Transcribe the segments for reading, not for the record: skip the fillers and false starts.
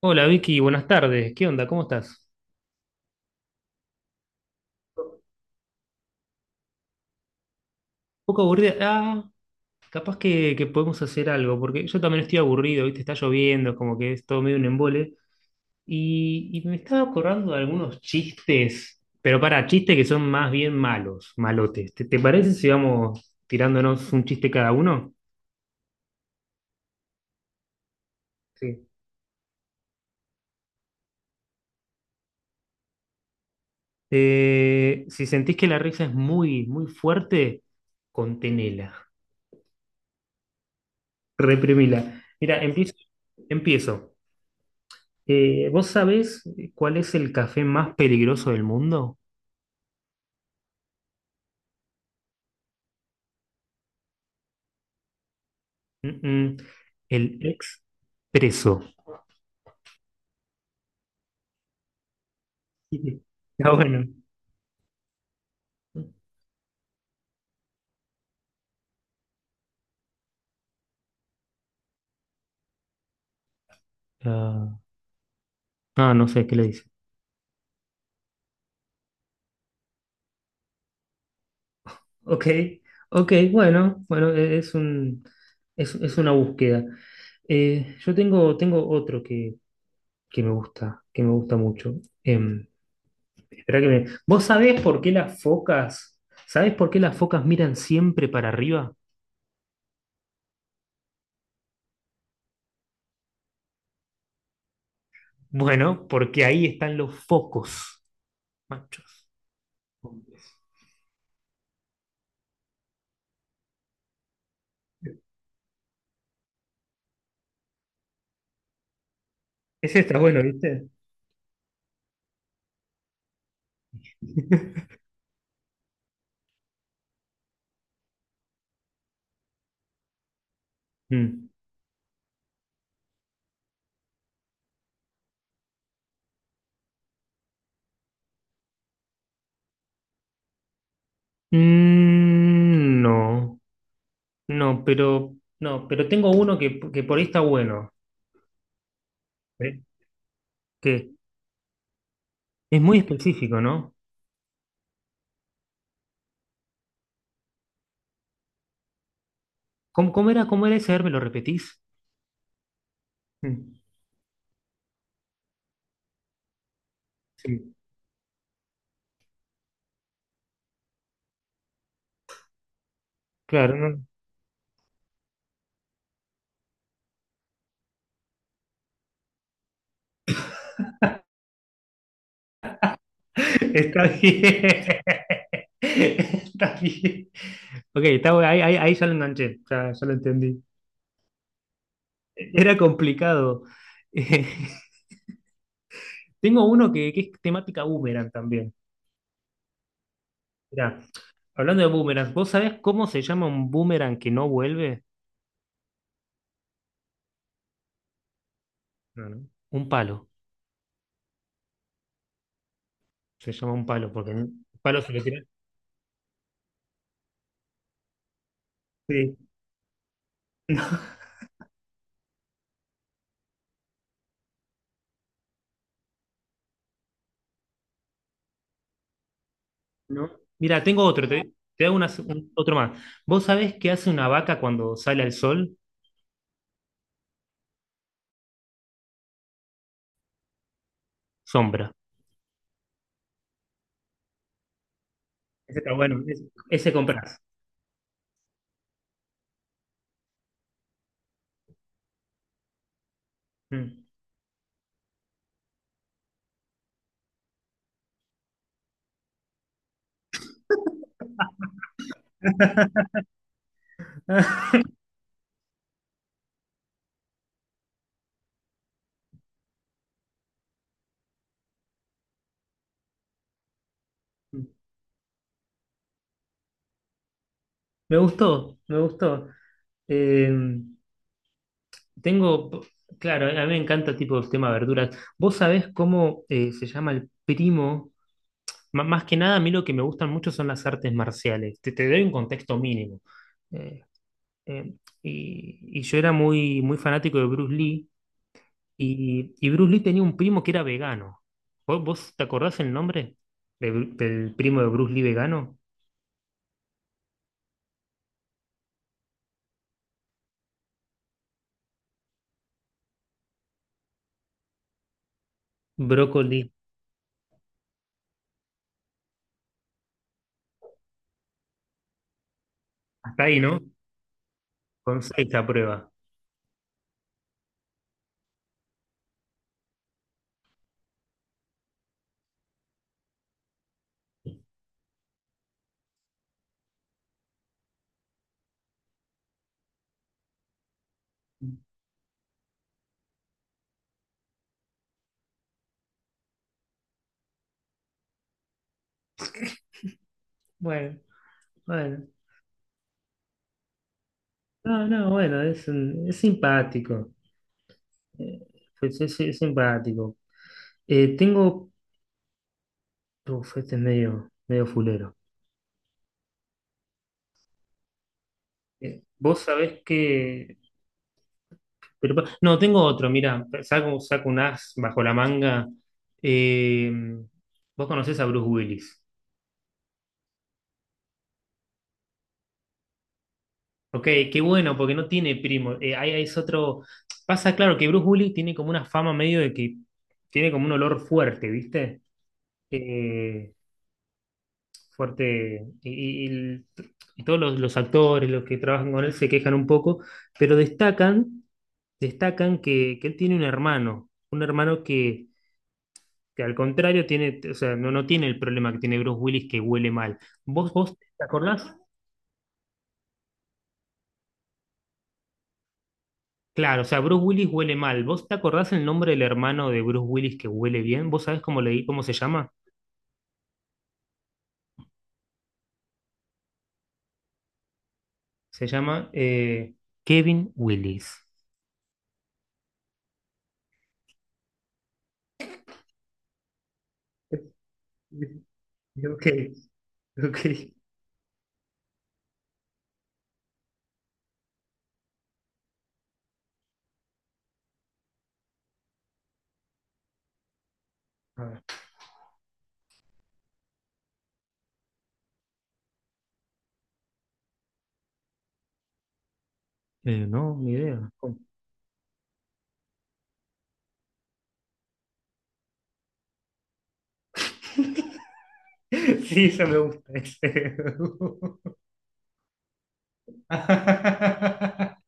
Hola Vicky, buenas tardes. ¿Qué onda? ¿Cómo estás? Un poco aburrida. Capaz que podemos hacer algo, porque yo también estoy aburrido, ¿viste? Está lloviendo, como que es todo medio un embole. Y me estaba acordando de algunos chistes, pero para chistes que son más bien malos, malotes. ¿Te parece si vamos tirándonos un chiste cada uno? Sí. Si sentís que la risa es muy, muy fuerte, contenela, reprimila. Mira, empiezo. Empiezo. ¿Vos sabés cuál es el café más peligroso del mundo? Mm, mm, el expreso. Sí. Ah, bueno. Ah, ah, no sé qué le dice. Ok, ok, bueno, bueno, es un, es una búsqueda. Yo tengo otro que me gusta mucho. Em, Esperá que me... ¿Vos sabés por qué las focas, sabés por qué las focas miran siempre para arriba? Bueno, porque ahí están los focos. Machos. Ese está bueno, ¿viste? Mm. Mm, no, no, pero no, pero tengo uno que por ahí está bueno. ¿Eh? Que es muy específico, ¿no? ¿Cómo, cómo era ese? A ver, ¿me lo repetís? Mm. Sí. Claro, no. Está bien. Está bien. Ok, está, ahí, ahí, ahí ya lo enganché, ya, ya lo entendí. Era complicado. Tengo uno que es temática boomerang también. Mirá, hablando de boomerangs, ¿vos sabés cómo se llama un boomerang que no vuelve? No, no. Un palo. Se llama un palo, porque un palo se le tira. Sí. ¿No? Mira, tengo otro, te hago otro más. ¿Vos sabés qué hace una vaca cuando sale al sol? Sombra. Ese está bueno, ese comprás. Mm. Me gustó, me gustó. Eh, Tengo, claro, a mí me encanta tipo el tema de verduras. ¿Vos sabés cómo se llama el primo más que nada, a mí lo que me gustan mucho son las artes marciales. Te doy un contexto mínimo. Eh, eh, y yo era muy, muy fanático de Bruce Lee y Bruce Lee tenía un primo que era vegano. ¿Vos te acordás el nombre de del primo de Bruce Lee vegano? Brócoli. Hasta ahí, ¿no? Con seis a prueba. Bueno, bueno. No, no, bueno, es, es simpático. Eh, es, es simpático. Tengo... Uf, este es medio, medio fulero. Vos sabés que... no, tengo otro, mira, saco, saco un as bajo la manga. Eh, Vos conocés a Bruce Willis. Ok, qué bueno, porque no tiene primo. Ahí ahí es otro... Pasa, claro, que Bruce Willis tiene como una fama medio de que tiene como un olor fuerte, ¿viste? Eh, fuerte. Y, y y todos los actores, los que trabajan con él, se quejan un poco, pero destacan, destacan que él tiene un hermano que al contrario tiene, o sea, no, no tiene el problema que tiene Bruce Willis que huele mal. ¿Vos, vos te acordás? Claro, o sea, Bruce Willis huele mal. ¿Vos te acordás el nombre del hermano de Bruce Willis que huele bien? ¿Vos sabés cómo le cómo se llama? Se llama Kevin Willis. Ok, ok. A ver. No, ni idea. Sí, eso me gusta. ese.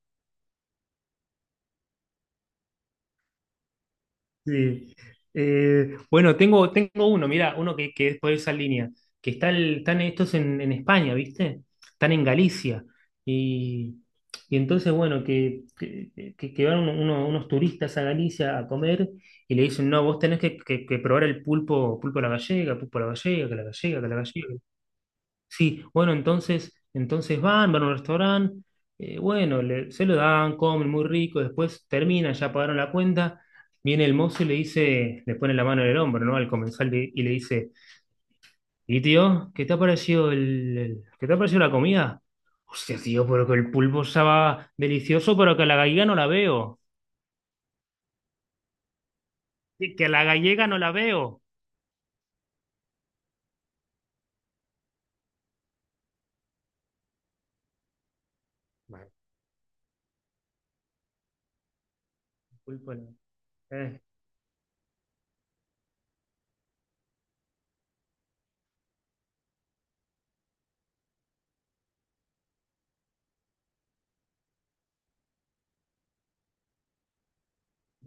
Sí. Bueno, tengo, tengo uno, mira, uno que es por esa línea, que está están estos en España, ¿viste? Están en Galicia. Y, y entonces, bueno, que, que van unos turistas a Galicia a comer y le dicen, no, vos tenés que, que probar el pulpo, pulpo a la gallega, pulpo a la gallega, que la gallega, que la gallega. Sí, bueno, entonces, entonces van, van a un restaurante, bueno, se lo dan, comen muy rico, después termina, ya pagaron la cuenta, viene el mozo y le dice, le pone la mano en el hombro, ¿no? Al comensal y le dice, ¿y tío, qué te ha parecido el, qué te ha parecido la comida? Hostia, tío, pero que el pulpo estaba delicioso, pero que a la gallega no la veo. Que a la gallega no la veo. Vale, pulpo no. Eh,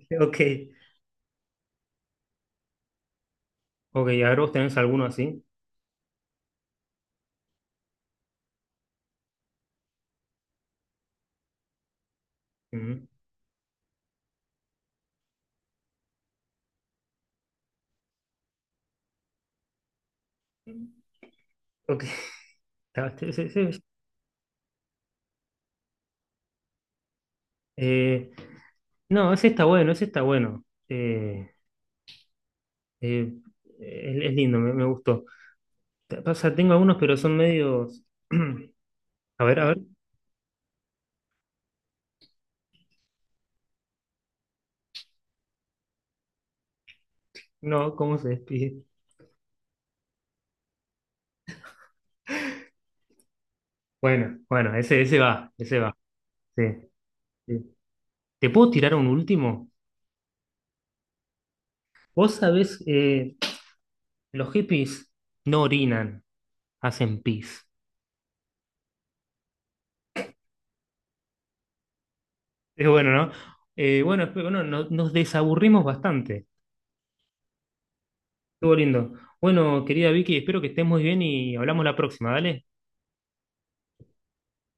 ok. Ok, ahora vos tenés alguno así. Ujú. Ok. Está- Eh, no, ese está bueno, ese está bueno. Eh, eh, es lindo, me gustó. O sea, tengo algunos, pero son medios. A ver, a ver. No, ¿cómo se despide? Bueno, bueno, ese va, ese va. Sí, sí. ¿Te puedo tirar un último? Vos sabés, los hippies no orinan, hacen pis. Es bueno, ¿no? Bueno, espero, no, nos desaburrimos bastante. Estuvo lindo. Bueno, querida Vicky, espero que estés muy bien y hablamos la próxima, ¿vale?